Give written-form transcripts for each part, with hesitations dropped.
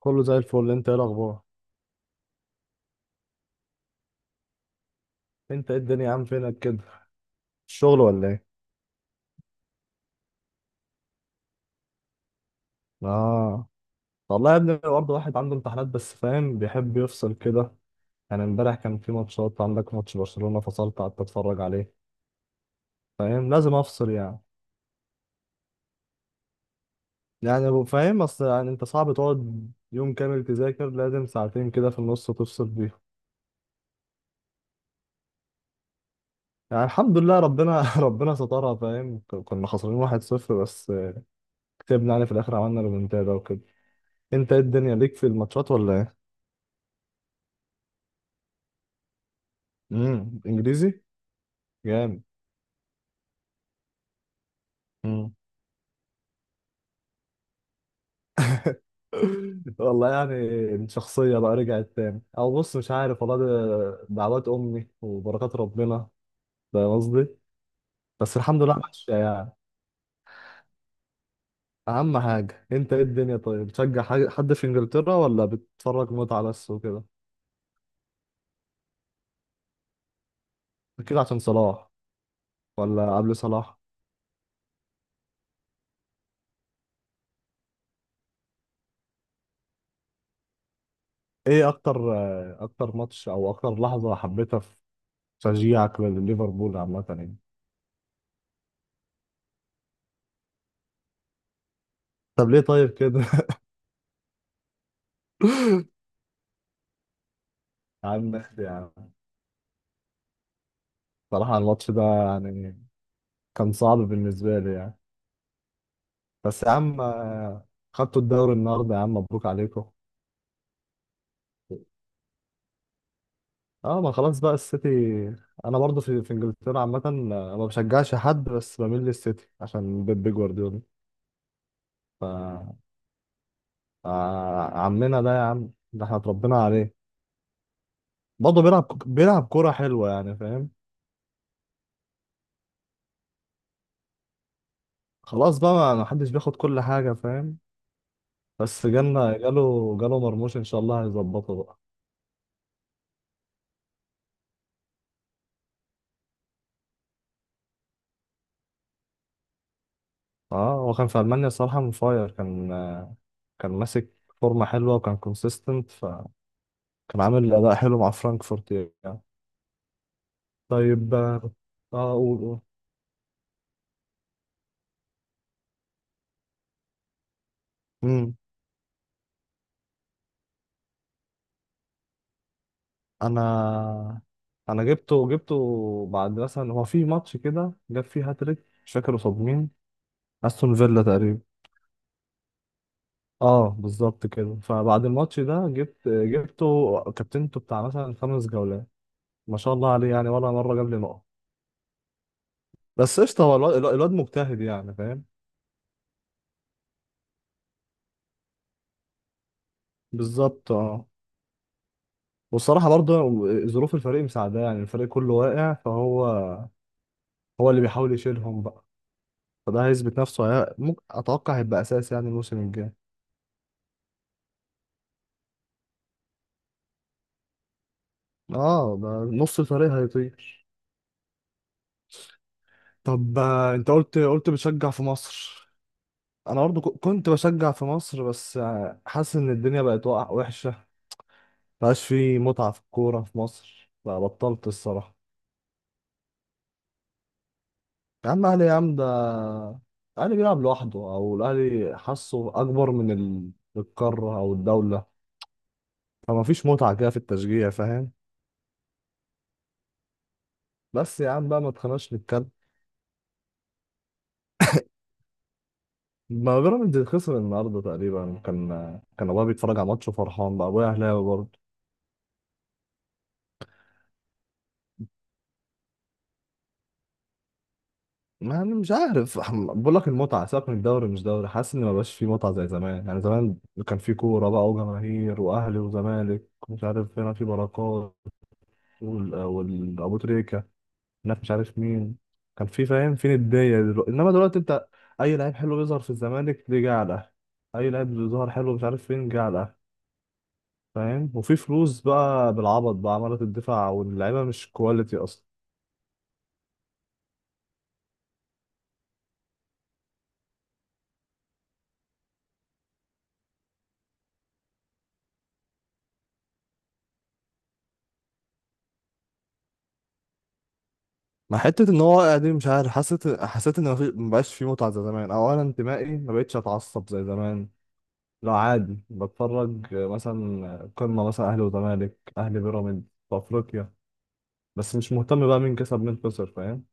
كله زي الفل. انت ايه الاخبار؟ انت ايه الدنيا يا عم، فينك كده؟ الشغل ولا ايه؟ اه، والله يا ابني برضه واحد عنده امتحانات، بس فاهم بيحب يفصل كده. يعني امبارح كان في ماتشات، عندك ماتش برشلونة، فصلت قعدت اتفرج عليه. فاهم لازم افصل يعني. فاهم، اصل يعني انت صعب تقعد يوم كامل تذاكر، لازم ساعتين كده في النص تفصل بيهم. يعني الحمد لله ربنا ربنا سترها. فاهم، كنا خسرانين 1-0 بس، كسبنا يعني في الاخر، عملنا ريمونتادا وكده. انت ايه الدنيا ليك في الماتشات ولا ايه؟ انجليزي؟ جامد. مم. والله يعني الشخصية بقى رجعت تاني، أو بص مش عارف، والله ده دعوات أمي وبركات ربنا. فاهم قصدي. بس الحمد لله ماشية يعني. أهم حاجة أنت، إيه الدنيا؟ طيب، بتشجع حد في إنجلترا ولا بتتفرج متعة بس وكده؟ أكيد عشان صلاح؟ ولا قبل صلاح؟ إيه أكتر أكتر ماتش أو أكتر لحظة حبيتها في تشجيعك لليفربول عامة يعني؟ طب ليه طيب كده؟ يا عم ماشي يا عم. صراحة الماتش ده يعني كان صعب بالنسبة لي يعني. بس يا عم، آه، خدتوا الدوري النهارده يا عم، مبروك عليكم. اه، ما خلاص بقى السيتي. انا برضو في انجلترا عامة، آه، ما بشجعش حد، بس بميل للسيتي عشان بيب جوارديولا. ف آه، عمنا ده يا عم، ده احنا اتربينا عليه. برضه بيلعب كورة حلوة يعني، فاهم. خلاص بقى، ما حدش بياخد كل حاجة، فاهم. بس جالنا جاله مرموش، ان شاء الله هيظبطه بقى. اه، هو كان في المانيا الصراحه منفاير، كان آه، كان ماسك فورمه حلوه وكان كونسيستنت، فكان عامل اداء حلو مع فرانكفورت يعني. طيب اه، آه، قول. امم انا انا جبته بعد مثلا، هو في ماتش كده جاب فيه هاتريك، مش فاكر قصاد مين، استون فيلا تقريبا. اه بالظبط كده. فبعد الماتش ده جبته كابتنته بتاع مثلا خمس جولات، ما شاء الله عليه يعني، ولا مره جاب لي نقط. بس قشطه، هو الواد مجتهد يعني، فاهم. بالظبط اه. والصراحة برضه، ظروف الفريق مساعدة، يعني الفريق كله واقع، فهو هو اللي بيحاول يشيلهم بقى. فده هيثبت نفسه، ممكن اتوقع هيبقى اساس يعني الموسم الجاي. اه، ده نص الفريق هيطير. طب آه، انت قلت بتشجع في مصر؟ انا برضه كنت بشجع في مصر، بس آه، حاسس ان الدنيا بقت وقع وحشة. مبقاش في متعة في الكورة في مصر، بقى بطلت الصراحة. يا عم الاهلي يا عم، ده الاهلي بيلعب لوحده، او الاهلي حاسه اكبر من القاره او الدوله. فما فيش متعه كده في التشجيع، فاهم. بس يا عم بقى، ما تخناش نتكلم. ما بيراميدز خسر النهارده تقريبا، كان كان ابويا بيتفرج على ماتش وفرحان بقى، ابويا اهلاوي برضه. ما انا مش عارف بقول لك المتعه، سيبك من الدوري مش دوري، حاسس ان ما بقاش فيه متعه زي زمان. يعني زمان كان في كوره بقى وجماهير، واهلي وزمالك، مش عارف هنا في بركات والابو تريكه، هناك مش عارف مين، كان في، فاهم، فين الدنيا دلوقتي. انما دلوقتي انت، اي لعيب حلو بيظهر في الزمالك دي جه على الاهلي، اي لعيب بيظهر حلو مش عارف فين جه على الاهلي، فاهم. وفي فلوس بقى بالعبط بقى، عمالة الدفاع واللعيبه مش كواليتي اصلا. مع حتة ان هو واقع دي، مش عارف، حسيت ان مبقاش في متعة زي زمان، او انا انتمائي مبقتش اتعصب زي زمان. لا عادي، بتفرج مثلا قمة مثلا اهلي وزمالك، اهلي بيراميدز في افريقيا، بس مش مهتم بقى مين كسب مين خسر، فاهم.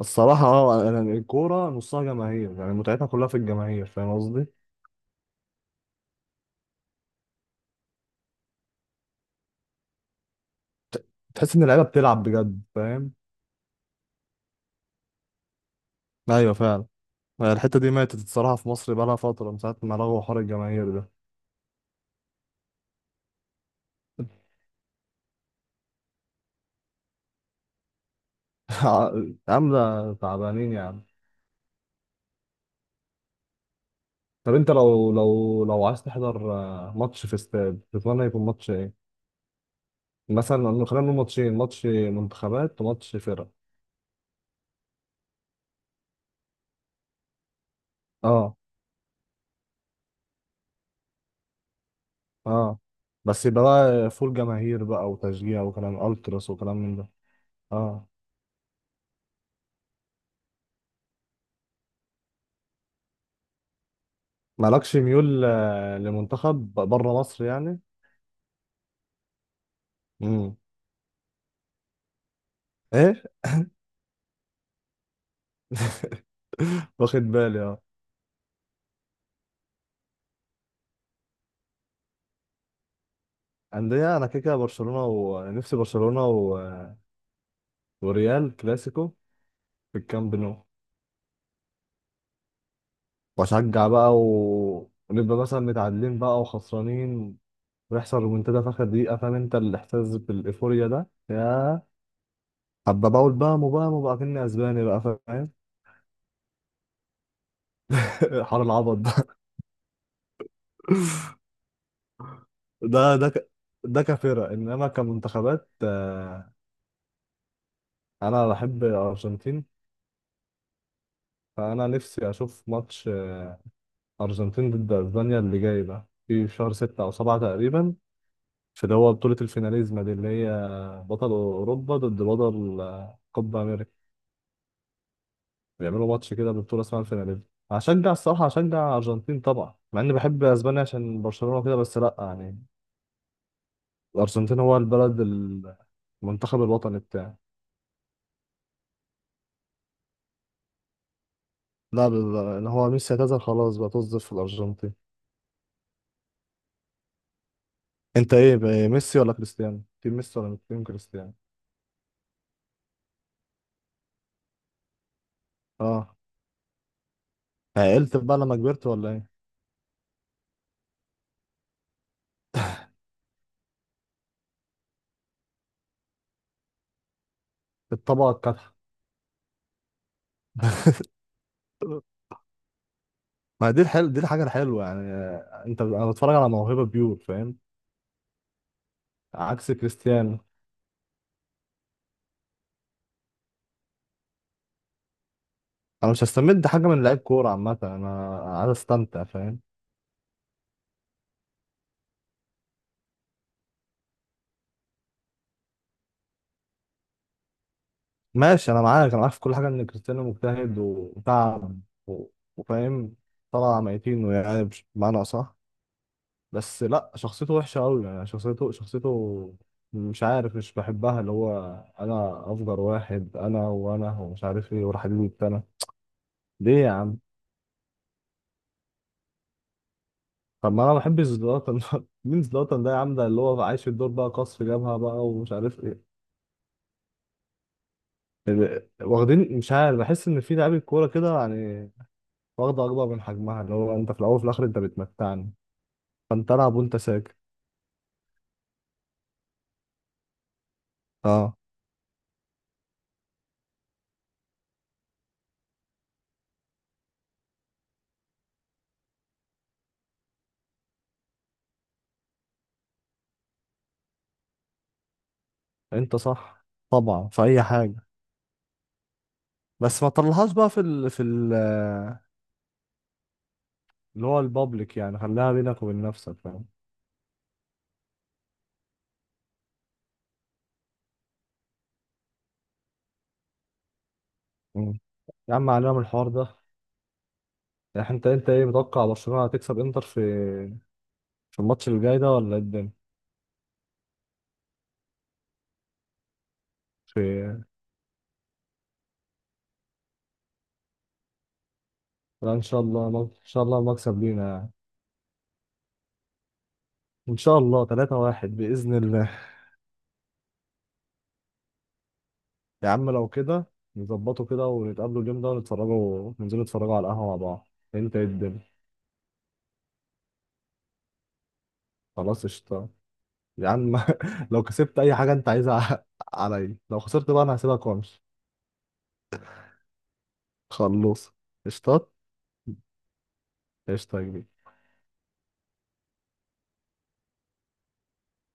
الصراحة اه، الكورة نصها جماهير، يعني متعتها كلها في الجماهير، فاهم قصدي؟ ت- تحس إن اللعيبة بتلعب بجد، فاهم؟ أيوة فعلا. يعني الحتة دي ماتت الصراحة في مصر، بقالها فترة من ساعة ما لغوا حوار الجماهير ده. عاملة تعبانين يعني. طب أنت لو لو عايز تحضر آه، ماتش في استاد، تتمنى يكون ماتش إيه؟ خلينا نقول ماتشين، ماتش منتخبات وماتش فرق. اه اه. بس يبقى بقى فول جماهير بقى وتشجيع وكلام ألتراس وكلام من ده. اه. مالكش ميول آه، لمنتخب بره مصر يعني؟ امم ايه. واخد بالي اه. انديه، انا كده كده برشلونه ونفسي برشلونه وريال، كلاسيكو في الكامب نو. واشجع بقى ونبقى مثلا متعادلين بقى وخسرانين، ويحصل رومنتادا في اخر دقيقه، فاهم انت الاحساس بالايفوريا ده، يا حبه بقول بقى مو بقى كني اسباني بقى، فاهم. حوار العبط ده. ده ده ك... ده كفرق، انما كمنتخبات آه، انا بحب الارجنتين. فانا نفسي اشوف ماتش ارجنتين ضد اسبانيا اللي جاي ده في شهر ستة او سبعة تقريبا، في اللي هو بطولة الفيناليزما دي، اللي هي بطل اوروبا ضد بطل آه، كوبا امريكا. بيعملوا ماتش كده ببطولة اسمها الفيناليزما. هشجع الصراحة، هشجع الارجنتين طبعا، مع اني بحب اسبانيا عشان برشلونة كده، بس لا يعني الارجنتين هو البلد المنتخب الوطني بتاعي. لا اللي هو ميسي اعتزل خلاص بقى، تصدف في الارجنتين. انت ايه بقى، ميسي ولا كريستيانو، تيم ميسي ولا تيم كريستيانو؟ اه. عقلت بقى لما كبرت ولا ايه؟ الطبقه الكادحه. ما دي الحل، دي الحاجه الحلوه يعني، آه، انا بتفرج على موهبه بيور، فاهم، عكس كريستيانو. انا مش هستمد حاجه من لعيب كوره عامه، انا عايز استمتع، فاهم. ماشي انا معاك، انا عارف في كل حاجه ان كريستيانو مجتهد وتعب و- وفاهم، طلع ميتين يعني بمعنى صح. بس لا، شخصيته وحشه قوي يعني، شخصيته مش عارف، مش بحبها، اللي هو انا افجر واحد انا، ومش عارف ايه، وراح حبيبي، ليه يا عم؟ طب ما انا ما بحبش زلاتان ده. مين زلاتان ده يا عم؟ ده اللي هو عايش في الدور بقى، قصف جبهه بقى ومش عارف ايه. واخدين، مش عارف، بحس ان في لعيبه كوره كده يعني واخده اكبر من حجمها. اللي هو انت في الاول وفي الاخر انت بتمتعني، فانت العب وانت ساكت. اه. انت صح طبعا في اي حاجه، بس ما تطلعهاش بقى في اللي هو البابليك يعني، خليها بينك وبين نفسك، فاهم. مم. يا عم علينا من الحوار ده. يعني انت ايه متوقع، برشلونه هتكسب انتر في في الماتش اللي جاي ده ولا ايه الدنيا؟ في لا ان شاء الله، ان شاء الله المكسب لينا يعني. ان شاء الله 3-1 باذن الله. يا عم لو كده، نظبطه كده ونتقابلوا اليوم ده ونتفرجوا، ننزلوا نتفرجوا على القهوه مع بعض. إيه انت ايه الدنيا؟ خلاص قشطه يا عم. لو كسبت اي حاجه انت عايزها، عليا، لو خسرت بقى انا هسيبك وامشي. خلص، قشطات. قشطه يا كبير.